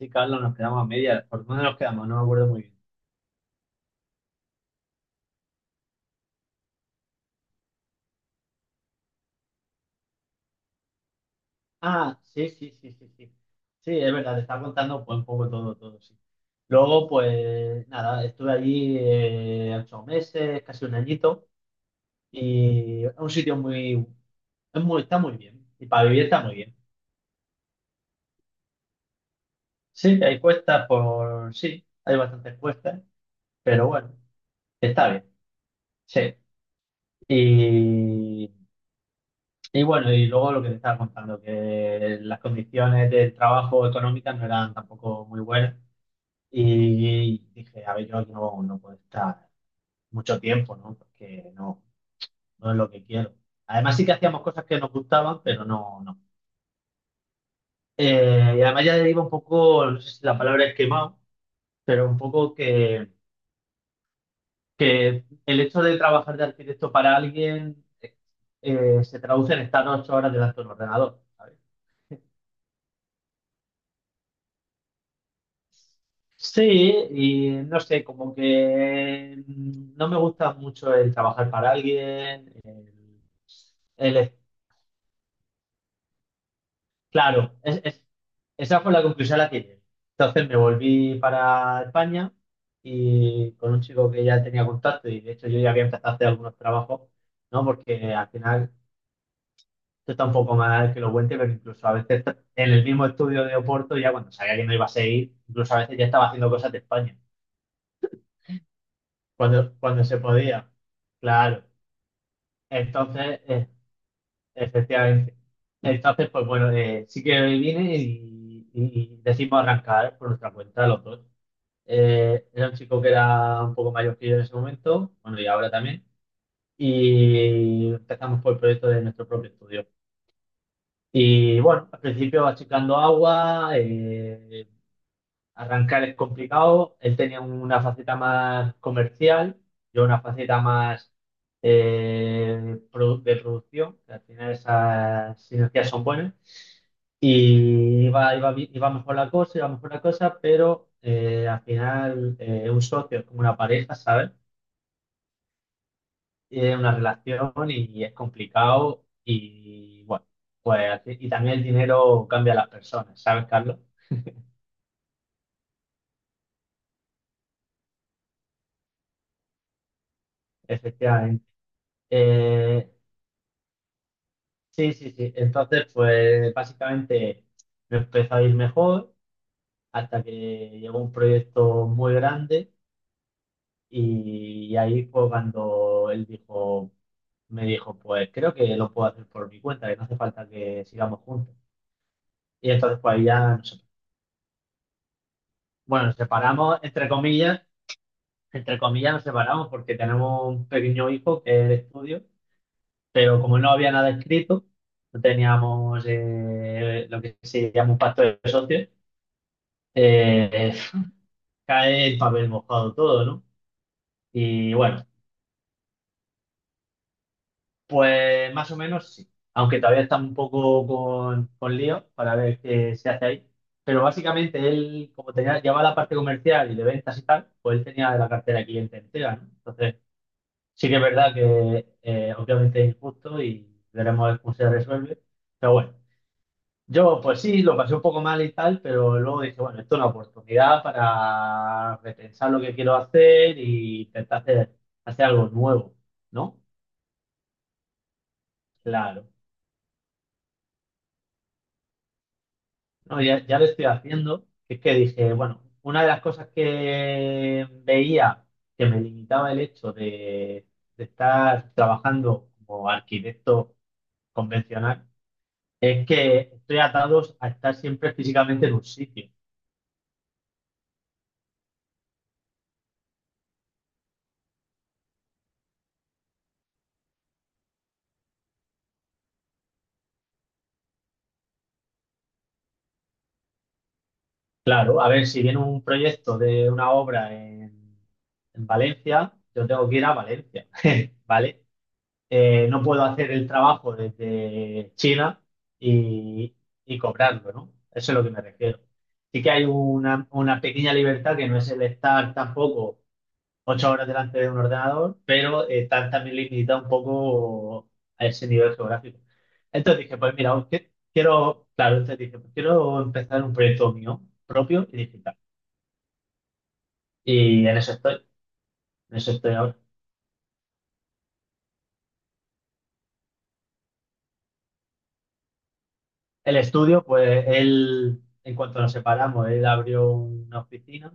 Sí, Carlos, nos quedamos a media. ¿Por dónde nos quedamos? No me acuerdo muy bien. Ah, sí, sí, sí, sí, sí. Sí, es verdad, te estaba contando pues, un poco todo, todo, sí. Luego, pues nada, estuve allí 8 meses, casi un añito, y es un sitio muy, es muy, está muy bien, y para vivir está muy bien. Sí, sí, hay bastantes cuestas, pero bueno, está bien, sí. Y Y bueno, y luego lo que te estaba contando, que las condiciones de trabajo económicas no eran tampoco muy buenas. Y dije, a ver, yo aquí no puedo estar mucho tiempo, ¿no? Porque no es lo que quiero. Además sí que hacíamos cosas que nos gustaban, pero no, no. Y además ya iba un poco, no sé si la palabra es quemado, pero un poco que el hecho de trabajar de arquitecto para alguien se traduce en estar 8 horas delante de un ordenador, ¿sabes? Sí, y no sé, como que no me gusta mucho el trabajar para alguien. el- el- claro, esa fue la conclusión a la que llegué. Entonces me volví para España y con un chico que ya tenía contacto y de hecho yo ya había empezado a hacer algunos trabajos, ¿no? Porque al final, esto está un poco mal que lo cuente, pero incluso a veces en el mismo estudio de Oporto, ya cuando sabía que no iba a seguir, incluso a veces ya estaba haciendo cosas de España, cuando se podía. Claro. Entonces, efectivamente. Entonces, pues bueno, sí que vine y decidimos arrancar por nuestra cuenta los dos. Era un chico que era un poco mayor que yo en ese momento, bueno, y ahora también. Y empezamos por el proyecto de nuestro propio estudio. Y bueno, al principio achicando agua. Arrancar es complicado. Él tenía una faceta más comercial, yo una faceta más de producción, que al final esas sinergias son buenas. Y iba mejor la cosa, iba mejor la cosa, pero al final un socio es como una pareja, ¿sabes? Es una relación y es complicado. Y bueno, pues y también el dinero cambia a las personas, ¿sabes, Carlos? Efectivamente. Eh, Sí, sí, sí. Entonces, pues básicamente me empezó a ir mejor hasta que llegó un proyecto muy grande y ahí fue cuando él dijo, me dijo, pues creo que lo puedo hacer por mi cuenta, que no hace falta que sigamos juntos. Y entonces, pues ahí ya nos, bueno, nos separamos, entre comillas nos separamos porque tenemos un pequeño hijo que es de estudio, pero como no había nada escrito, no teníamos lo que se llama un pacto de socios. Eh, Cae el papel mojado todo, ¿no? Y bueno, pues más o menos sí. Aunque todavía está un poco con lío para ver qué se hace ahí. Pero básicamente él, como tenía, llevaba la parte comercial y de ventas y tal, pues él tenía la cartera de cliente entera, ¿no? Entonces, sí que es verdad que obviamente es injusto y veremos cómo se resuelve. Pero bueno. Yo, pues sí, lo pasé un poco mal y tal, pero luego dije, bueno, esto es una oportunidad para repensar lo que quiero hacer y intentar hacer algo nuevo, ¿no? Claro. No, ya, ya lo estoy haciendo. Es que dije, bueno, una de las cosas que veía que me limitaba el hecho de estar trabajando como arquitecto convencional es que estoy atado a estar siempre físicamente en un sitio. Claro, a ver, si viene un proyecto de una obra en Valencia, yo tengo que ir a Valencia, ¿vale? No puedo hacer el trabajo desde China y, y cobrarlo, ¿no? Eso es lo que me refiero. Sí que hay una pequeña libertad que no es el estar tampoco 8 horas delante de un ordenador, pero está también limitada un poco a ese nivel geográfico. Entonces dije, pues mira, quiero, claro, entonces dije, pues quiero empezar un proyecto mío propio y digital. Y en eso estoy ahora. El estudio, pues él, en cuanto nos separamos, él abrió una oficina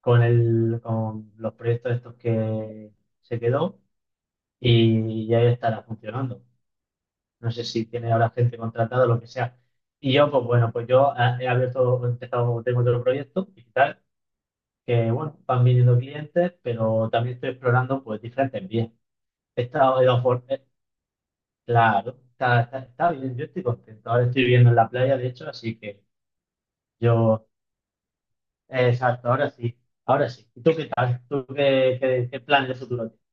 con los proyectos estos que se quedó y ya estará funcionando. No sé si tiene ahora gente contratada o lo que sea. Y yo, pues bueno, pues yo he abierto, he empezado, tengo otro proyecto digital, que bueno, van viniendo clientes, pero también estoy explorando pues diferentes vías. He estado, he dado for- Claro, está bien, yo estoy contento. Ahora estoy viviendo en la playa, de hecho, así que yo, exacto, ahora sí, ahora sí. ¿Y tú qué tal? ¿Tú qué plan de futuro tienes?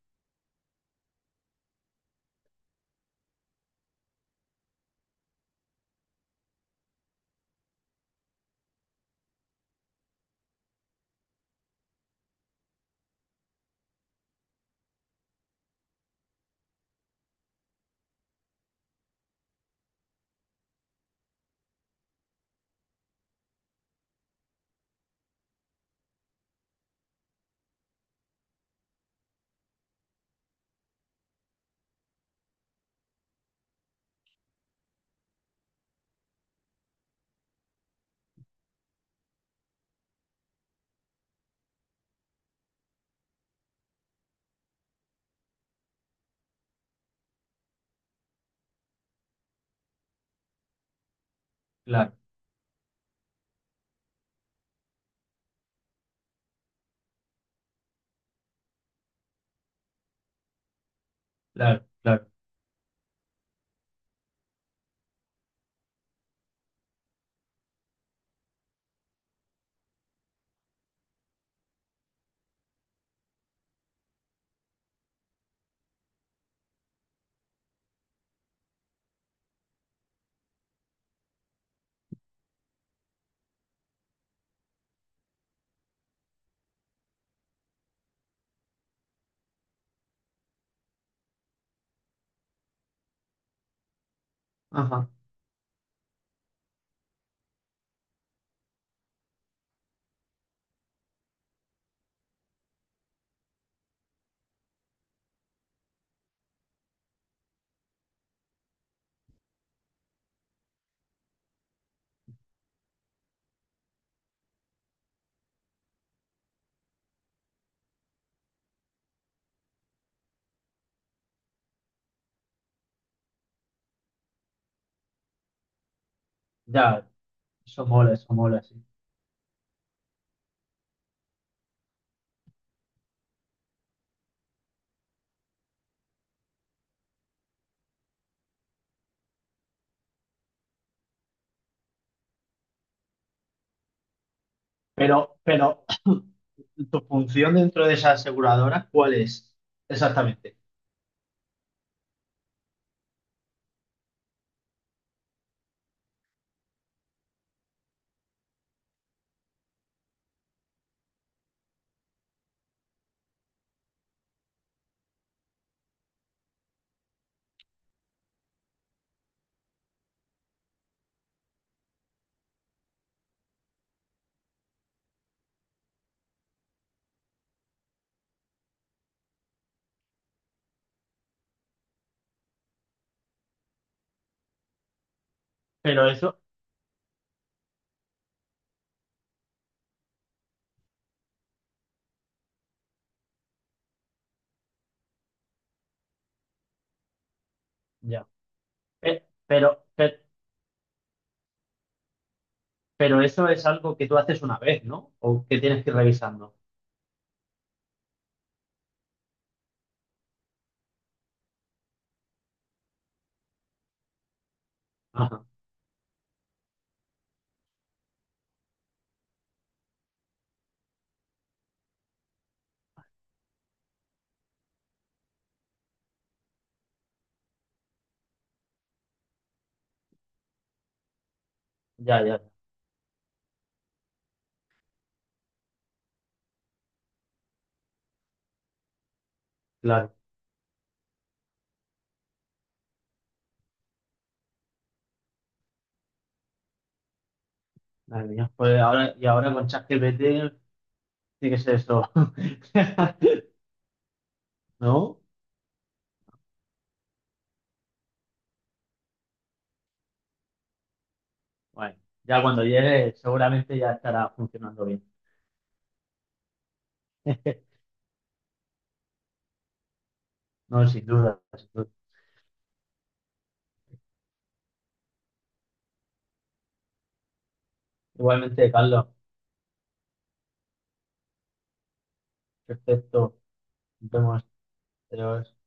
Claro, claro, claro. Ajá, ya, eso mola, sí. Pero, ¿tu función dentro de esa aseguradora cuál es? Exactamente. Pero eso, ya. Pe- Pero, pe- pero, eso es algo que tú haces una vez, ¿no? O que tienes que ir revisando. Ajá, ya, ya, claro. Madre mía, pues ahora, y ahora con ChatGPT tiene que ser esto. ¿No? Bueno, ya cuando llegue seguramente ya estará funcionando bien. No, sin duda, sin duda. Igualmente, Carlos, perfecto. Nos vemos. Adiós.